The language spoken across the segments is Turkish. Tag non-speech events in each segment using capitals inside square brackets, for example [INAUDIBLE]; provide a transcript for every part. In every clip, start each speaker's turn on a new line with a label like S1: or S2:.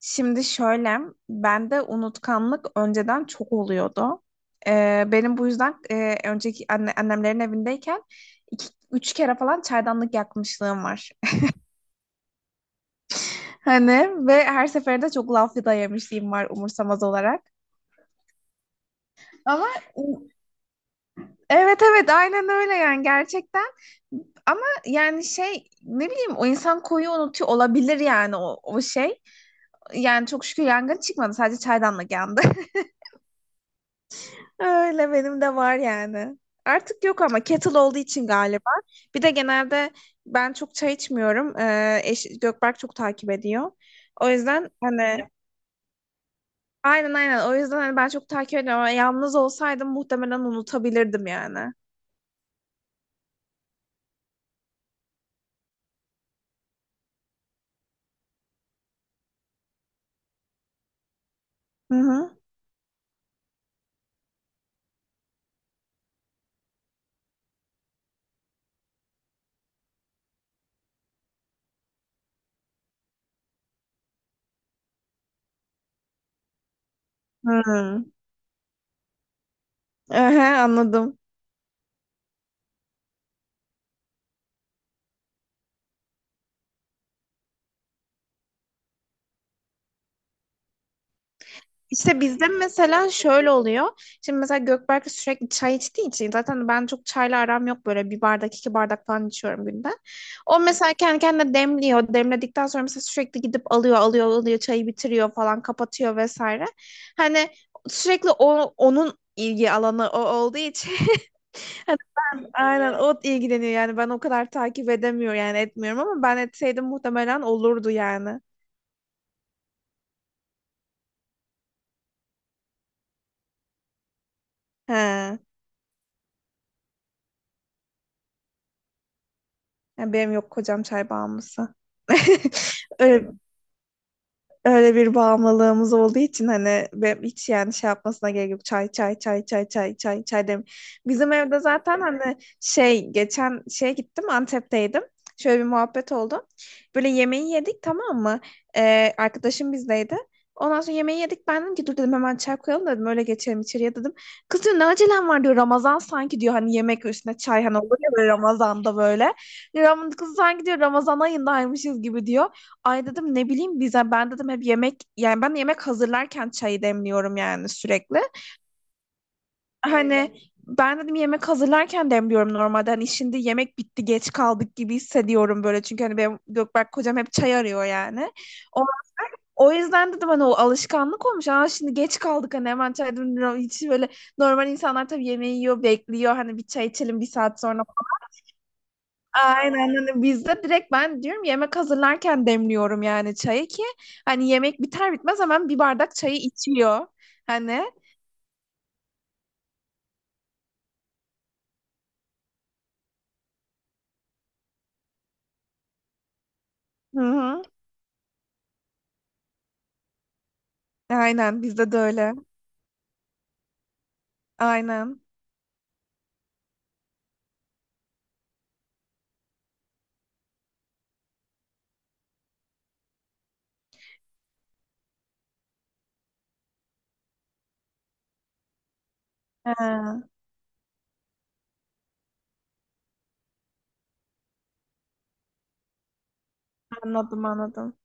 S1: Şimdi şöyle, bende unutkanlık önceden çok oluyordu. Benim bu yüzden önceki annemlerin evindeyken iki, üç kere falan çaydanlık yakmışlığım var. [LAUGHS] Hani, ve her seferinde çok laf da yemişliğim var umursamaz olarak. Ama evet, evet, aynen öyle yani, gerçekten. Ama yani şey, ne bileyim, o insan koyu unutuyor olabilir yani, o şey. Yani çok şükür yangın çıkmadı, sadece çaydanlık yandı. [LAUGHS] Öyle, benim de var yani. Artık yok ama kettle olduğu için galiba. Bir de genelde ben çok çay içmiyorum, Gökberk çok takip ediyor, o yüzden hani. Aynen, aynen, o yüzden hani ben çok takip ediyorum ama yalnız olsaydım muhtemelen unutabilirdim yani. Hı hı. Hı. Ehe, anladım. İşte bizde mesela şöyle oluyor. Şimdi mesela Gökberk sürekli çay içtiği için, zaten ben çok çayla aram yok, böyle bir bardak, iki bardak falan içiyorum günde. O mesela kendi kendine demliyor. Demledikten sonra mesela sürekli gidip alıyor, alıyor, alıyor, çayı bitiriyor falan, kapatıyor vesaire. Hani sürekli onun ilgi alanı o olduğu için. [LAUGHS] Hani ben, aynen, o ilgileniyor yani, ben o kadar takip edemiyor yani etmiyorum, ama ben etseydim muhtemelen olurdu yani. He. Yani benim, yok, kocam çay bağımlısı. [LAUGHS] Öyle öyle bir bağımlılığımız olduğu için hani, ben hiç yani şey yapmasına gerek yok. Çay, çay, çay, çay, çay, çay, çay dem. Bizim evde zaten hani şey, geçen şeye gittim, Antep'teydim. Şöyle bir muhabbet oldu. Böyle yemeği yedik, tamam mı? Arkadaşım bizdeydi. Ondan sonra yemeği yedik. Ben dedim ki, dur dedim, hemen çay koyalım dedim, öyle geçelim içeriye dedim. Kız diyor, ne acelem var diyor, Ramazan sanki diyor, hani yemek üstüne çay, hani olur ya böyle Ramazan'da böyle. Kız sanki diyor, Ramazan ayındaymışız gibi diyor. Ay dedim, ne bileyim, bize ben dedim hep yemek, yani ben yemek hazırlarken çayı demliyorum yani sürekli. Hani. Evet, ben dedim, yemek hazırlarken demliyorum normalde. Hani şimdi yemek bitti, geç kaldık gibi hissediyorum böyle, çünkü hani benim Gökberk kocam hep çay arıyor yani. O, o yüzden dedim hani, o alışkanlık olmuş. Aa, şimdi geç kaldık hani, hemen çay demliyorum. Hiç böyle, normal insanlar tabii yemeği yiyor, bekliyor hani, bir çay içelim bir saat sonra. Aynen, hani bizde direkt ben diyorum, yemek hazırlarken demliyorum yani çayı ki, hani yemek biter bitmez hemen bir bardak çayı içiyor. Hani. Hı hı. Aynen, bizde de öyle. Aynen. He, anladım, anladım.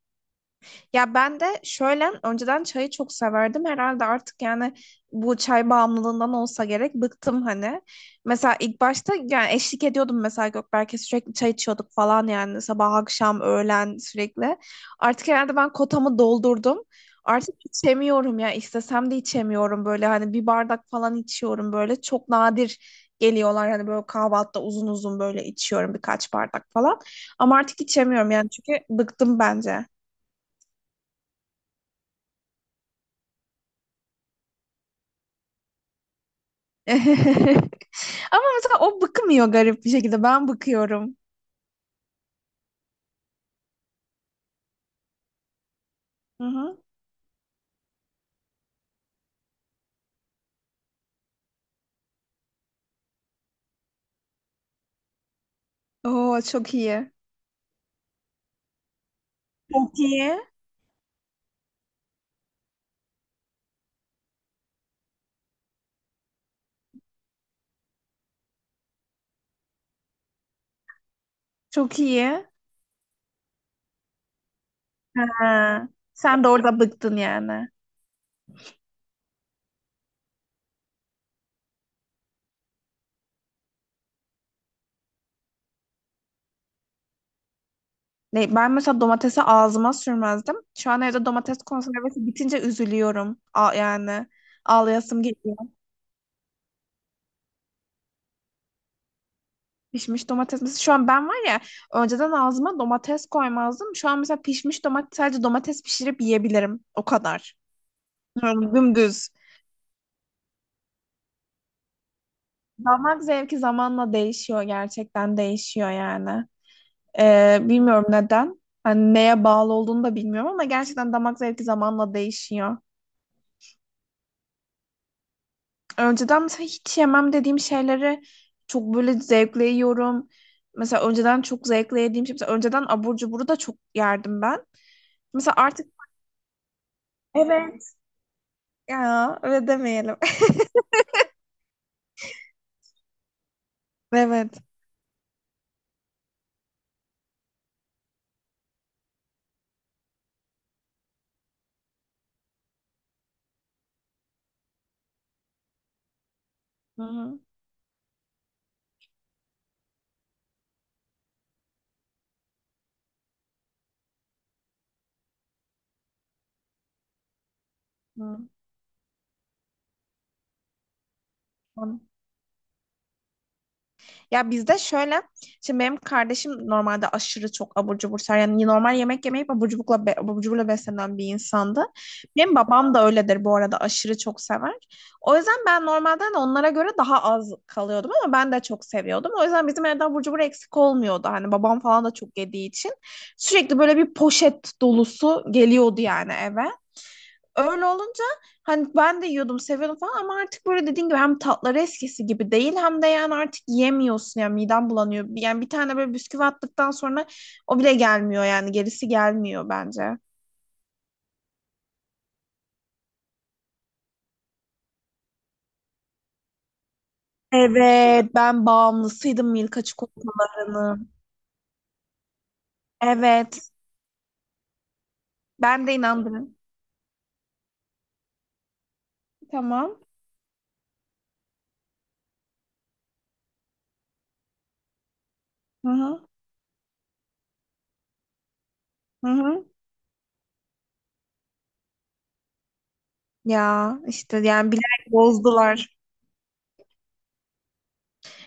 S1: Ya ben de şöyle, önceden çayı çok severdim. Herhalde artık yani, bu çay bağımlılığından olsa gerek, bıktım hani. Mesela ilk başta yani eşlik ediyordum mesela Gökberk'e, sürekli çay içiyorduk falan yani, sabah, akşam, öğlen sürekli. Artık herhalde ben kotamı doldurdum. Artık içemiyorum ya, istesem de içemiyorum, böyle hani bir bardak falan içiyorum, böyle çok nadir geliyorlar hani, böyle kahvaltıda uzun uzun böyle içiyorum, birkaç bardak falan. Ama artık içemiyorum yani, çünkü bıktım bence. [LAUGHS] Ama mesela o bıkmıyor, garip bir şekilde. Ben bıkıyorum. Hı hı. Oo, çok iyi. Çok iyi. Çok iyi. Ha, sen de orada bıktın yani. Ne, ben mesela domatesi ağzıma sürmezdim. Şu an evde domates konservesi bitince üzülüyorum. A yani, ağlayasım geliyor. Pişmiş domates. Mesela şu an ben var ya, önceden ağzıma domates koymazdım. Şu an mesela pişmiş domates, sadece domates pişirip yiyebilirim. O kadar. Yani dümdüz. Damak zevki zamanla değişiyor. Gerçekten değişiyor yani. Bilmiyorum neden. Hani neye bağlı olduğunu da bilmiyorum, ama gerçekten damak zevki zamanla değişiyor. Önceden mesela hiç yemem dediğim şeyleri çok böyle zevkle yiyorum. Mesela önceden çok zevkle yediğim şey. Mesela önceden abur cuburu da çok yerdim ben. Mesela artık, evet, ya öyle demeyelim. [LAUGHS] Evet. Hı hı. Hı. Ya bizde şöyle, şimdi benim kardeşim normalde aşırı çok abur cubur sever. Yani normal yemek yemeyip abur cuburla, abur cuburla beslenen bir insandı. Benim babam da öyledir bu arada, aşırı çok sever. O yüzden ben normalden onlara göre daha az kalıyordum, ama ben de çok seviyordum. O yüzden bizim evde abur cubur eksik olmuyordu. Hani babam falan da çok yediği için. Sürekli böyle bir poşet dolusu geliyordu yani eve. Öyle olunca hani ben de yiyordum, seviyordum falan, ama artık böyle dediğin gibi, hem tatları eskisi gibi değil, hem de yani artık yiyemiyorsun yani, midem bulanıyor. Yani bir tane böyle bisküvi attıktan sonra o bile gelmiyor yani, gerisi gelmiyor bence. Evet, ben bağımlısıydım Milka çikolatalarının. Evet, ben de inandım. Tamam. Hı hı. Hı hı. Ya işte yani, bilerek bozdular.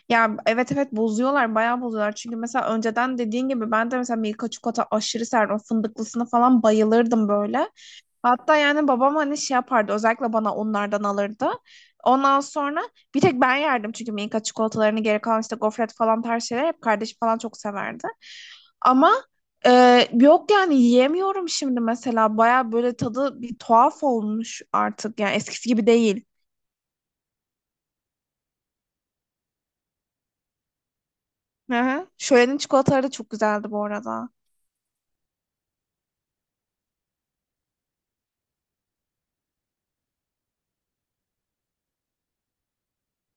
S1: Ya evet, evet, bozuyorlar, bayağı bozuyorlar. Çünkü mesela önceden dediğin gibi, ben de mesela Milka çikolata aşırı severdim. O fındıklısına falan bayılırdım böyle. Hatta yani babam hani şey yapardı, özellikle bana onlardan alırdı. Ondan sonra bir tek ben yerdim çünkü Milka çikolatalarını, geri kalan işte gofret falan tarz şeyler hep kardeşim falan çok severdi. Ama e, yok yani, yiyemiyorum şimdi mesela, bayağı böyle tadı bir tuhaf olmuş artık yani, eskisi gibi değil. Hı hı. Şölenin çikolataları da çok güzeldi bu arada.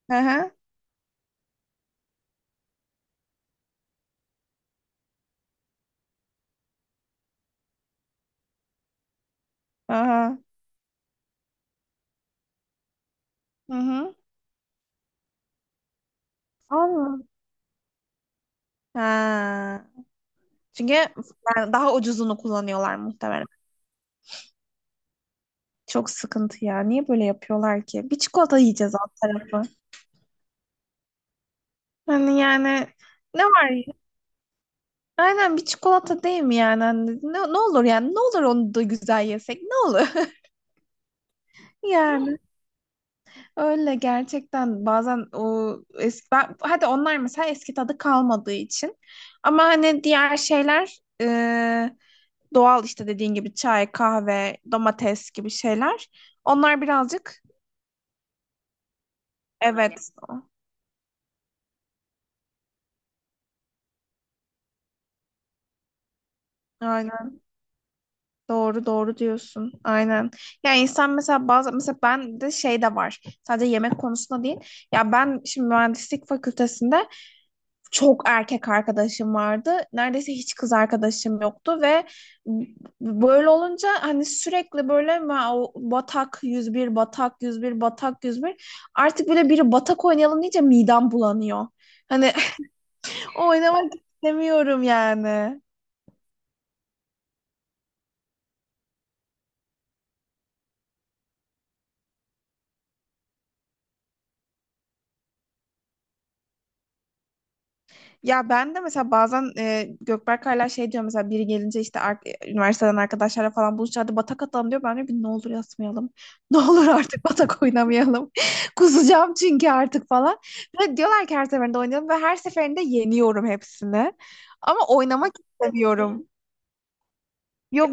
S1: Hı hı. Aha. Hı hı. Allah. Ha. Çünkü yani daha ucuzunu kullanıyorlar muhtemelen. Çok sıkıntı ya. Niye böyle yapıyorlar ki? Bir çikolata yiyeceğiz alt tarafı. Hani yani, ne var ya? Aynen, bir çikolata değil mi yani? Hani, ne olur yani? Ne olur onu da güzel yesek? Ne olur? [LAUGHS] Ya. Öyle gerçekten, bazen o eski hadi onlar mesela eski tadı kalmadığı için, ama hani diğer şeyler, doğal işte dediğin gibi çay, kahve, domates gibi şeyler. Onlar birazcık, evet. Aynen, doğru, doğru diyorsun. Aynen. Ya insan mesela bazı, mesela ben de şey de var. Sadece yemek konusunda değil. Ya ben şimdi mühendislik fakültesinde çok erkek arkadaşım vardı. Neredeyse hiç kız arkadaşım yoktu, ve böyle olunca hani, sürekli böyle o batak, 101, batak, 101, batak, yüz bir, artık böyle biri batak oynayalım deyince midem bulanıyor. Hani [LAUGHS] oynamak istemiyorum yani. Ya ben de mesela bazen, Gökberk hala şey diyor, mesela biri gelince işte, üniversiteden arkadaşlarla falan buluşacağız, hadi batak atalım diyor. Ben de, bir ne olur yatmayalım. [LAUGHS] Ne olur artık batak oynamayalım. [LAUGHS] Kusacağım çünkü artık falan. Ve diyorlar ki her seferinde oynayalım, ve her seferinde yeniyorum hepsini. Ama oynamak istemiyorum. Yok.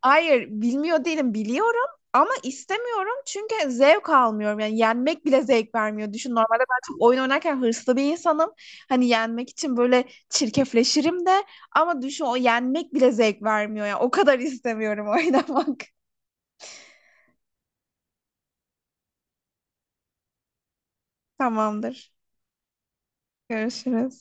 S1: Hayır, bilmiyor değilim, biliyorum, ama istemiyorum çünkü zevk almıyorum. Yani yenmek bile zevk vermiyor. Düşün, normalde ben çok oyun oynarken hırslı bir insanım. Hani yenmek için böyle çirkefleşirim de, ama düşün, o yenmek bile zevk vermiyor ya. O kadar istemiyorum [LAUGHS] oynamak. Tamamdır. Görüşürüz.